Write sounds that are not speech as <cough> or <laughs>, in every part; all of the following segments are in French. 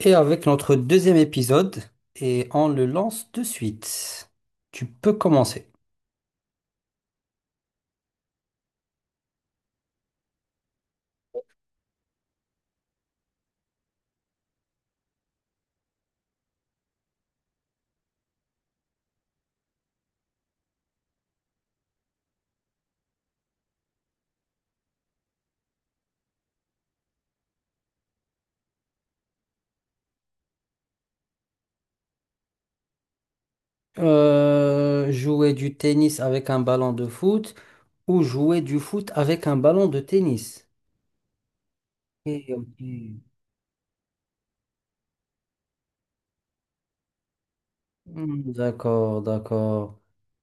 Et avec notre deuxième épisode, et on le lance de suite. Tu peux commencer. Jouer du tennis avec un ballon de foot ou jouer du foot avec un ballon de tennis. Ok, ok. Hmm, d'accord, d'accord.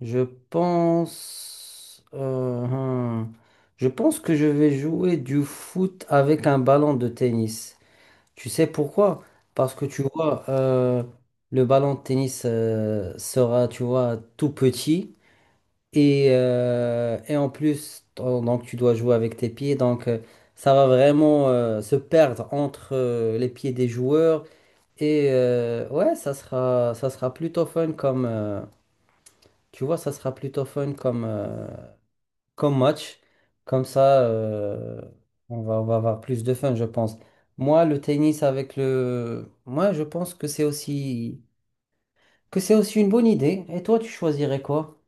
Je pense, Je pense que je vais jouer du foot avec un ballon de tennis. Tu sais pourquoi? Parce que tu vois, le ballon de tennis sera, tu vois, tout petit. Et en plus, donc tu dois jouer avec tes pieds. Donc ça va vraiment se perdre entre les pieds des joueurs. Et ouais, ça sera plutôt fun tu vois, ça sera plutôt fun comme, comme match. Comme ça, on va avoir plus de fun, je pense. Moi, le tennis avec le... Moi, je pense que que c'est aussi une bonne idée. Et toi, tu choisirais quoi?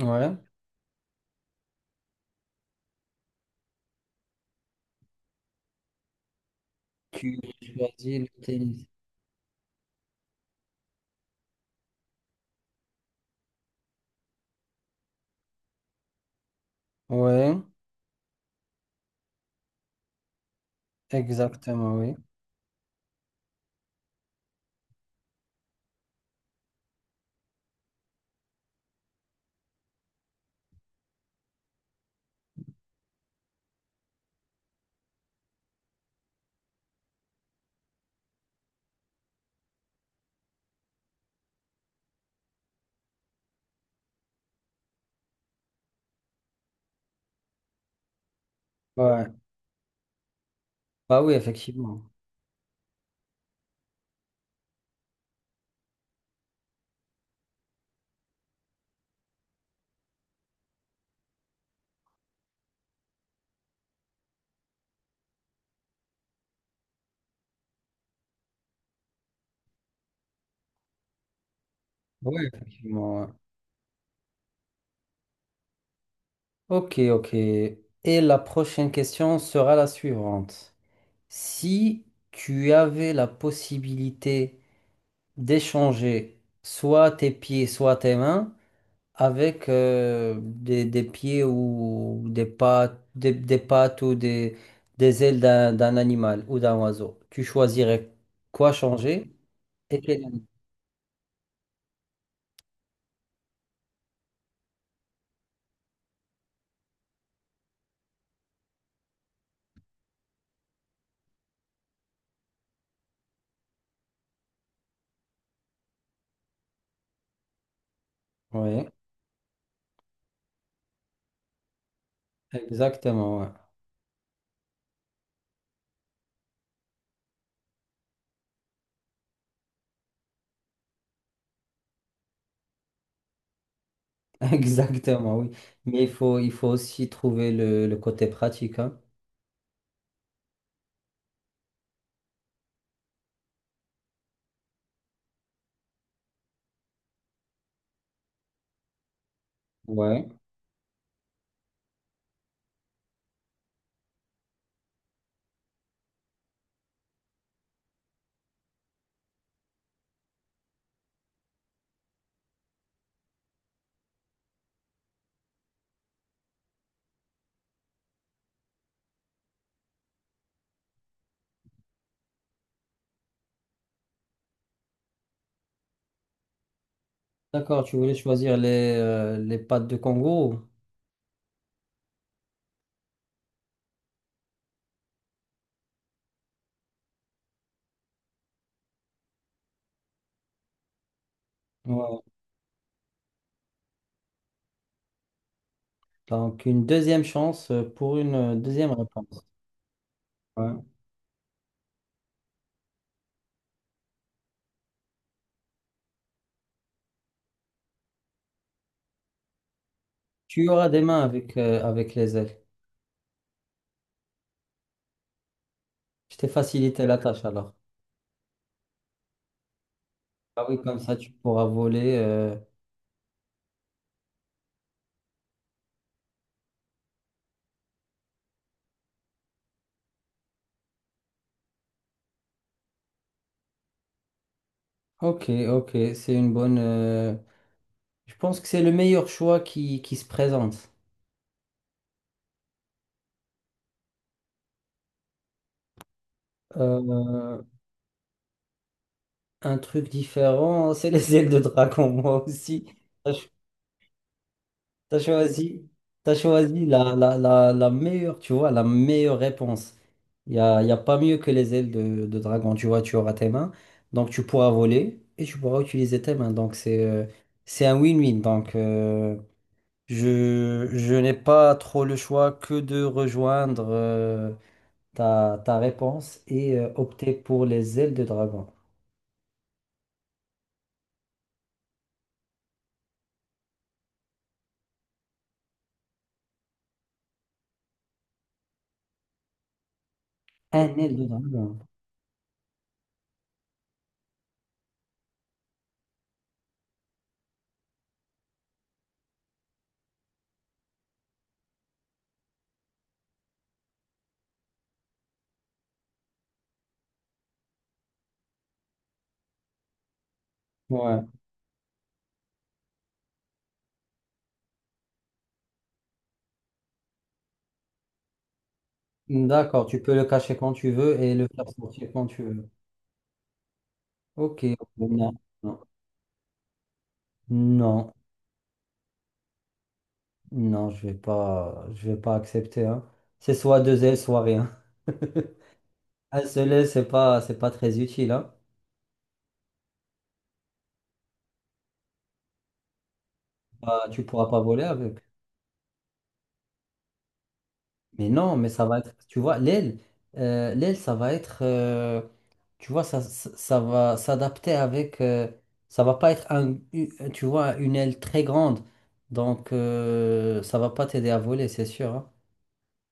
Ouais. Tu choisis le tennis. Ouais, exactement, oui. Ouais. Bah oui, effectivement. Oui, effectivement, ouais. Ok, ok. Et la prochaine question sera la suivante. Si tu avais la possibilité d'échanger soit tes pieds, soit tes mains avec des pieds ou des pattes ou des ailes d'un animal ou d'un oiseau. Tu choisirais quoi changer et quel animal. Oui, exactement, ouais. <laughs> Exactement, oui. Mais il faut aussi trouver le côté pratique, hein. Ouais. D'accord, tu voulais choisir les pattes de kangourou. Ouais. Donc, une deuxième chance pour une deuxième réponse. Ouais. Tu auras des mains avec, avec les ailes. Je t'ai facilité la tâche alors. Ah oui, comme ça tu pourras voler, Ok, ok, c'est une bonne, je pense que c'est le meilleur choix qui se présente. Euh, un truc différent, c'est les ailes de dragon, moi aussi. Je T'as choisi, t'as choisi la, la, la, la meilleure, tu vois, la meilleure réponse. Y a pas mieux que les ailes de dragon, tu vois, tu auras tes mains. Donc tu pourras voler et tu pourras utiliser tes mains. Donc c'est un win-win. Donc je n'ai pas trop le choix que de rejoindre ta, ta réponse et opter pour les ailes de dragon. Un aile de dragon. Ouais. D'accord, tu peux le cacher quand tu veux et le faire sortir quand tu veux. Ok, bon, non, non, non, non, je vais pas accepter, hein. C'est soit deux ailes, soit rien. <laughs> Un seul aile, c'est pas très utile, hein. Bah, tu pourras pas voler avec. Mais non, mais ça va être, tu vois, l'aile, l'aile, ça va être, tu vois, ça va s'adapter avec, ça va pas être tu vois, une aile très grande, donc ça va pas t'aider à voler, c'est sûr, hein.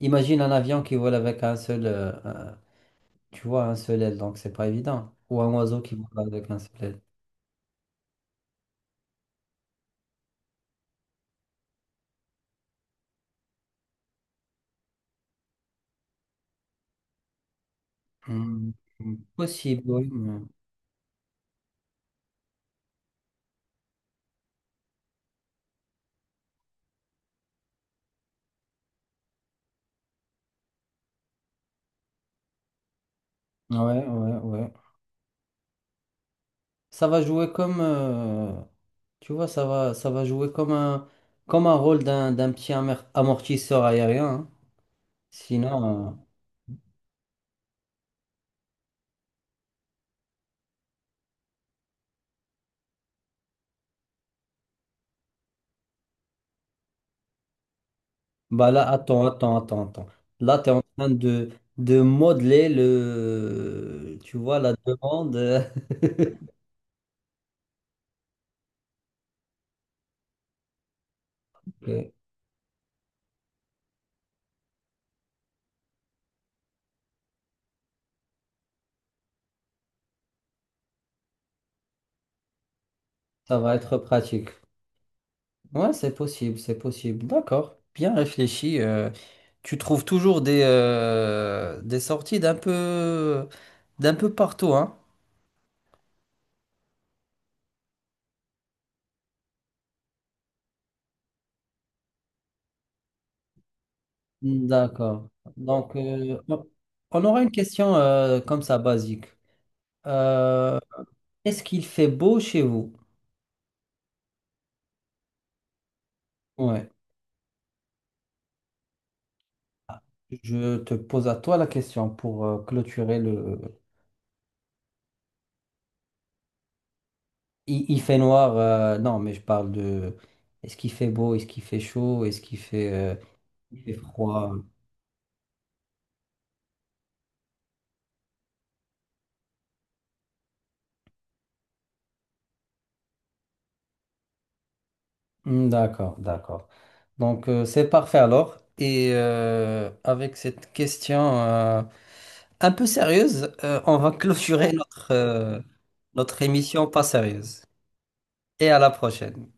Imagine un avion qui vole avec un seul, tu vois, un seul aile, donc c'est pas évident. Ou un oiseau qui vole avec un seul aile. Hmm, hmm. Possible, oui, mais... Ouais, ouais, ouais. Ça va jouer comme, tu vois, ça va jouer comme un rôle d'un, d'un petit amortisseur aérien, hein. Sinon, bah là, attends, attends, attends, attends. Là, tu es en train de modeler le, tu vois, la demande. <laughs> Ok, ça va être pratique. Ouais, c'est possible, c'est possible. D'accord, bien réfléchi, tu trouves toujours des sorties d'un peu partout, hein? D'accord. Donc, on aura une question comme ça, basique. Euh, est-ce qu'il fait beau chez vous? Ouais, je te pose à toi la question pour clôturer le... il fait noir, non, mais je parle de... Est-ce qu'il fait beau? Est-ce qu'il fait chaud? Est-ce qu'il fait, il fait froid? Hmm, d'accord, d'accord. Donc c'est parfait alors. Et avec cette question un peu sérieuse, on va clôturer notre, notre émission pas sérieuse. Et à la prochaine.